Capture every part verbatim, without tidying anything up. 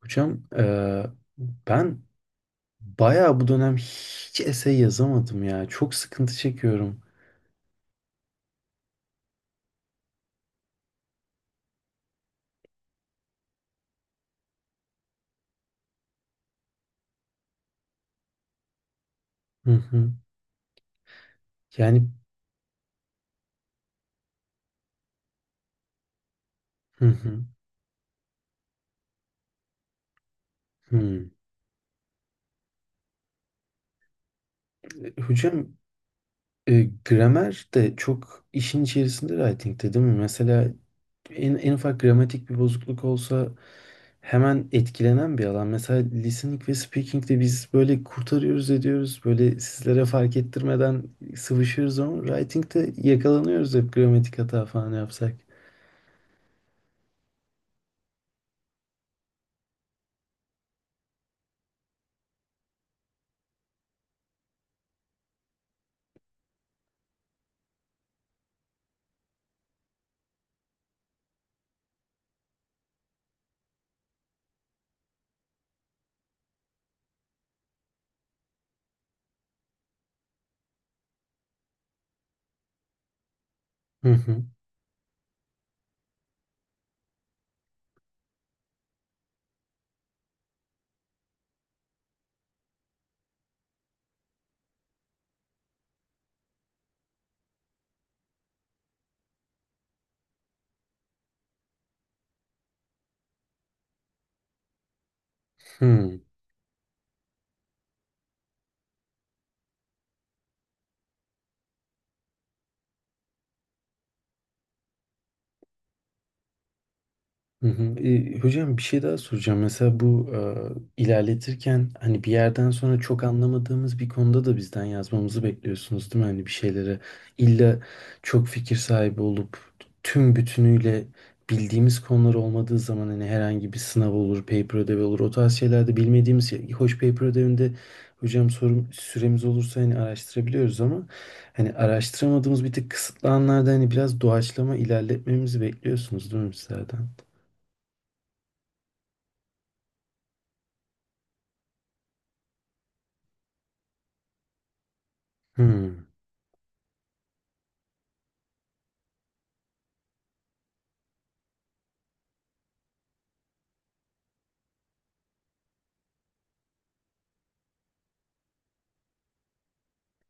Hocam eee, ben bayağı bu dönem hiç essay yazamadım ya. Çok sıkıntı çekiyorum. Hı hı. Yani hı hı. Hı. E, Hocam e, gramer de çok işin içerisinde writing'te değil mi? Mesela en, en ufak gramatik bir bozukluk olsa hemen etkilenen bir alan. Mesela listening ve speaking'de biz böyle kurtarıyoruz ediyoruz. Böyle sizlere fark ettirmeden sıvışıyoruz ama writing'te yakalanıyoruz hep gramatik hata falan yapsak. Hı hı. Hmm. Hı hı. E, hocam bir şey daha soracağım. Mesela bu e, ilerletirken hani bir yerden sonra çok anlamadığımız bir konuda da bizden yazmamızı bekliyorsunuz değil mi? Hani bir şeylere illa çok fikir sahibi olup tüm bütünüyle bildiğimiz konular olmadığı zaman hani herhangi bir sınav olur, paper ödevi olur. O tarz şeylerde bilmediğimiz şey. Hoş paper ödevinde hocam sorum, süremiz olursa hani araştırabiliyoruz ama hani araştıramadığımız bir tık kısıtlı anlarda hani biraz doğaçlama ilerletmemizi bekliyorsunuz değil mi sizlerden? Hmm.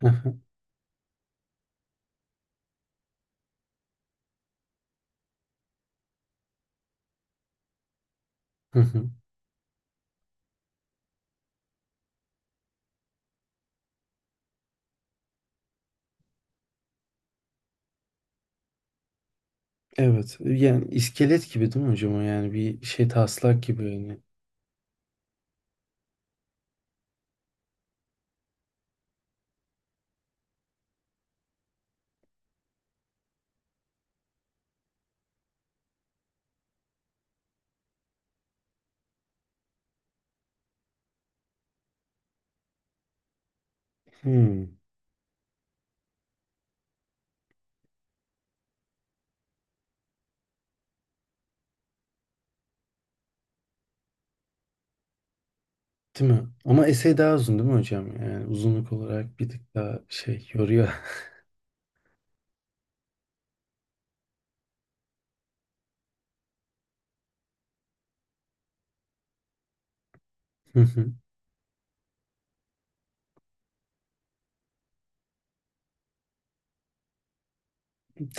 Hı hı, hı hı. Evet. Yani iskelet gibi değil mi hocam? O yani bir şey taslak gibi yani. Hmm. Değil mi? Ama esey daha uzun değil mi hocam? Yani uzunluk olarak bir tık daha şey yoruyor. Hı hı.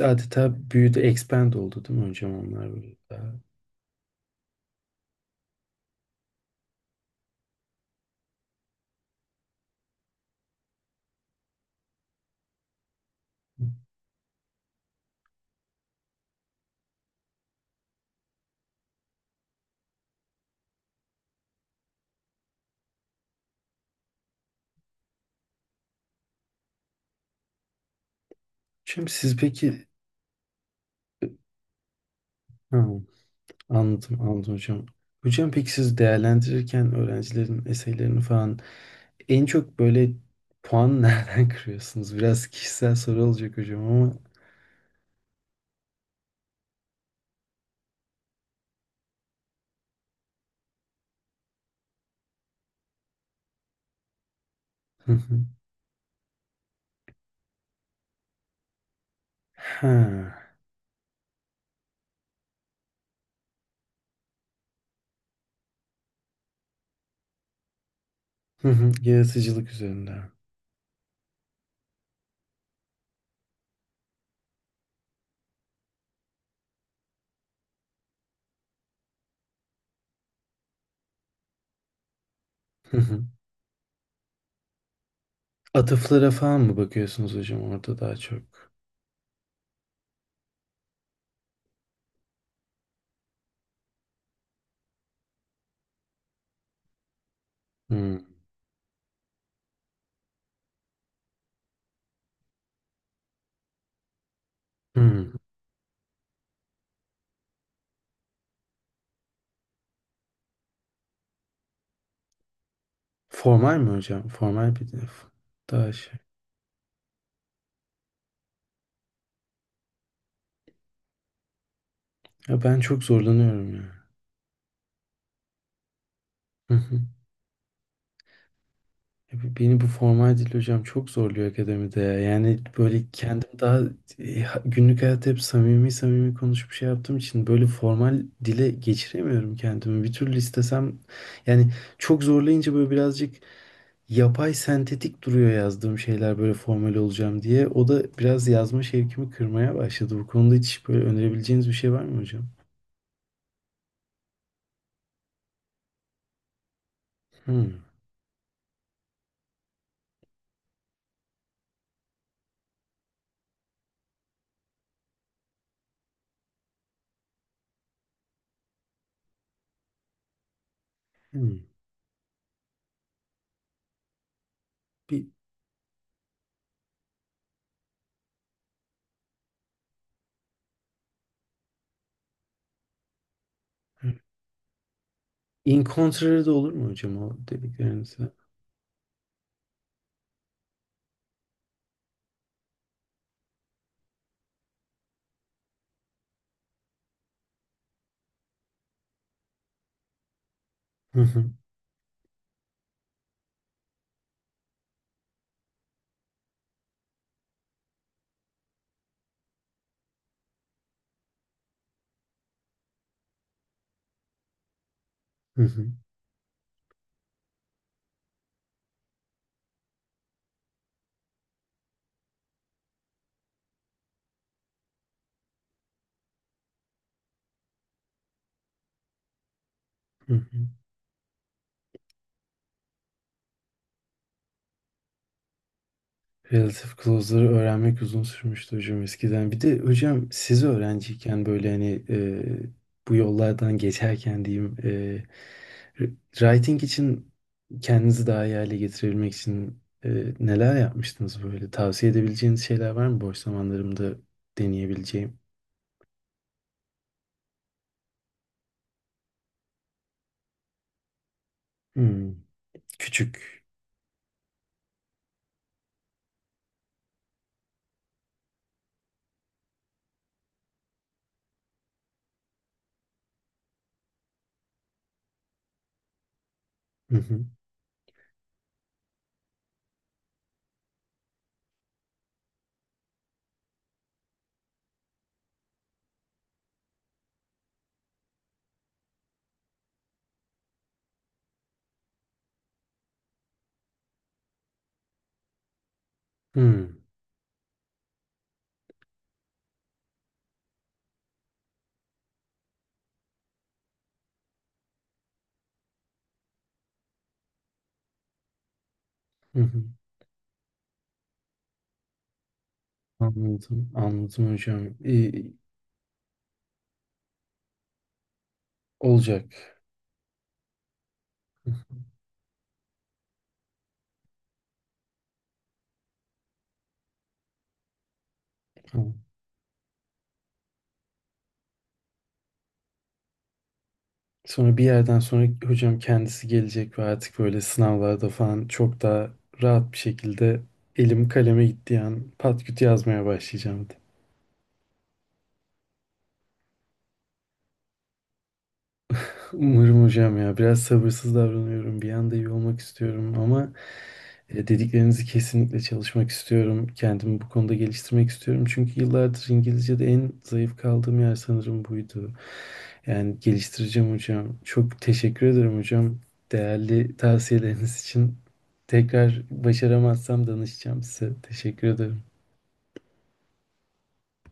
Adeta büyüdü, expand oldu değil mi hocam onlar böyle daha. Hocam siz peki. Ha, anladım anladım hocam. Hocam peki siz değerlendirirken öğrencilerin eseylerini falan en çok böyle puan nereden kırıyorsunuz? Biraz kişisel soru olacak hocam ama. Ha. Hı hı. Yaratıcılık üzerinde. Hı hı. Atıflara falan mı bakıyorsunuz hocam orada daha çok? Hı. Hı. Formal mi hocam? Formal bir dil. Daha şey. Ya ben çok zorlanıyorum ya. Hı hı. Ya b- beni bu formal dil hocam çok zorluyor akademide ya. Yani böyle kendim daha e, ha- günlük hayatta hep samimi samimi konuşup şey yaptığım için böyle formal dile geçiremiyorum kendimi. Bir türlü istesem yani çok zorlayınca böyle birazcık yapay sentetik duruyor yazdığım şeyler böyle formal olacağım diye. O da biraz yazma şevkimi kırmaya başladı. Bu konuda hiç böyle önerebileceğiniz bir şey var mı hocam? Hmm. Hmm. Bir hmm. In contrary de olur mu hocam o dediklerinize? Hı hı. Hı hı. Hı hı. Relative clause'ları öğrenmek uzun sürmüştü hocam eskiden. Bir de hocam siz öğrenciyken böyle hani e, bu yollardan geçerken diyeyim e, r- writing için kendinizi daha iyi hale getirebilmek için e, neler yapmıştınız böyle? Tavsiye edebileceğiniz şeyler var mı boş zamanlarımda deneyebileceğim? Hmm, küçük. Hı hı. Hmm, hı hı. Anladım, anladım hocam. İyi, olacak. Hı hı. Sonra bir yerden sonra hocam kendisi gelecek ve artık böyle sınavlarda falan çok daha rahat bir şekilde elim kaleme gittiği an pat küt yazmaya başlayacağım. Umarım hocam ya biraz sabırsız davranıyorum. Bir anda iyi olmak istiyorum ama E, dediklerinizi kesinlikle çalışmak istiyorum. Kendimi bu konuda geliştirmek istiyorum. Çünkü yıllardır İngilizce'de en zayıf kaldığım yer sanırım buydu. Yani geliştireceğim hocam. Çok teşekkür ederim hocam. Değerli tavsiyeleriniz için. Tekrar başaramazsam danışacağım size. Teşekkür ederim.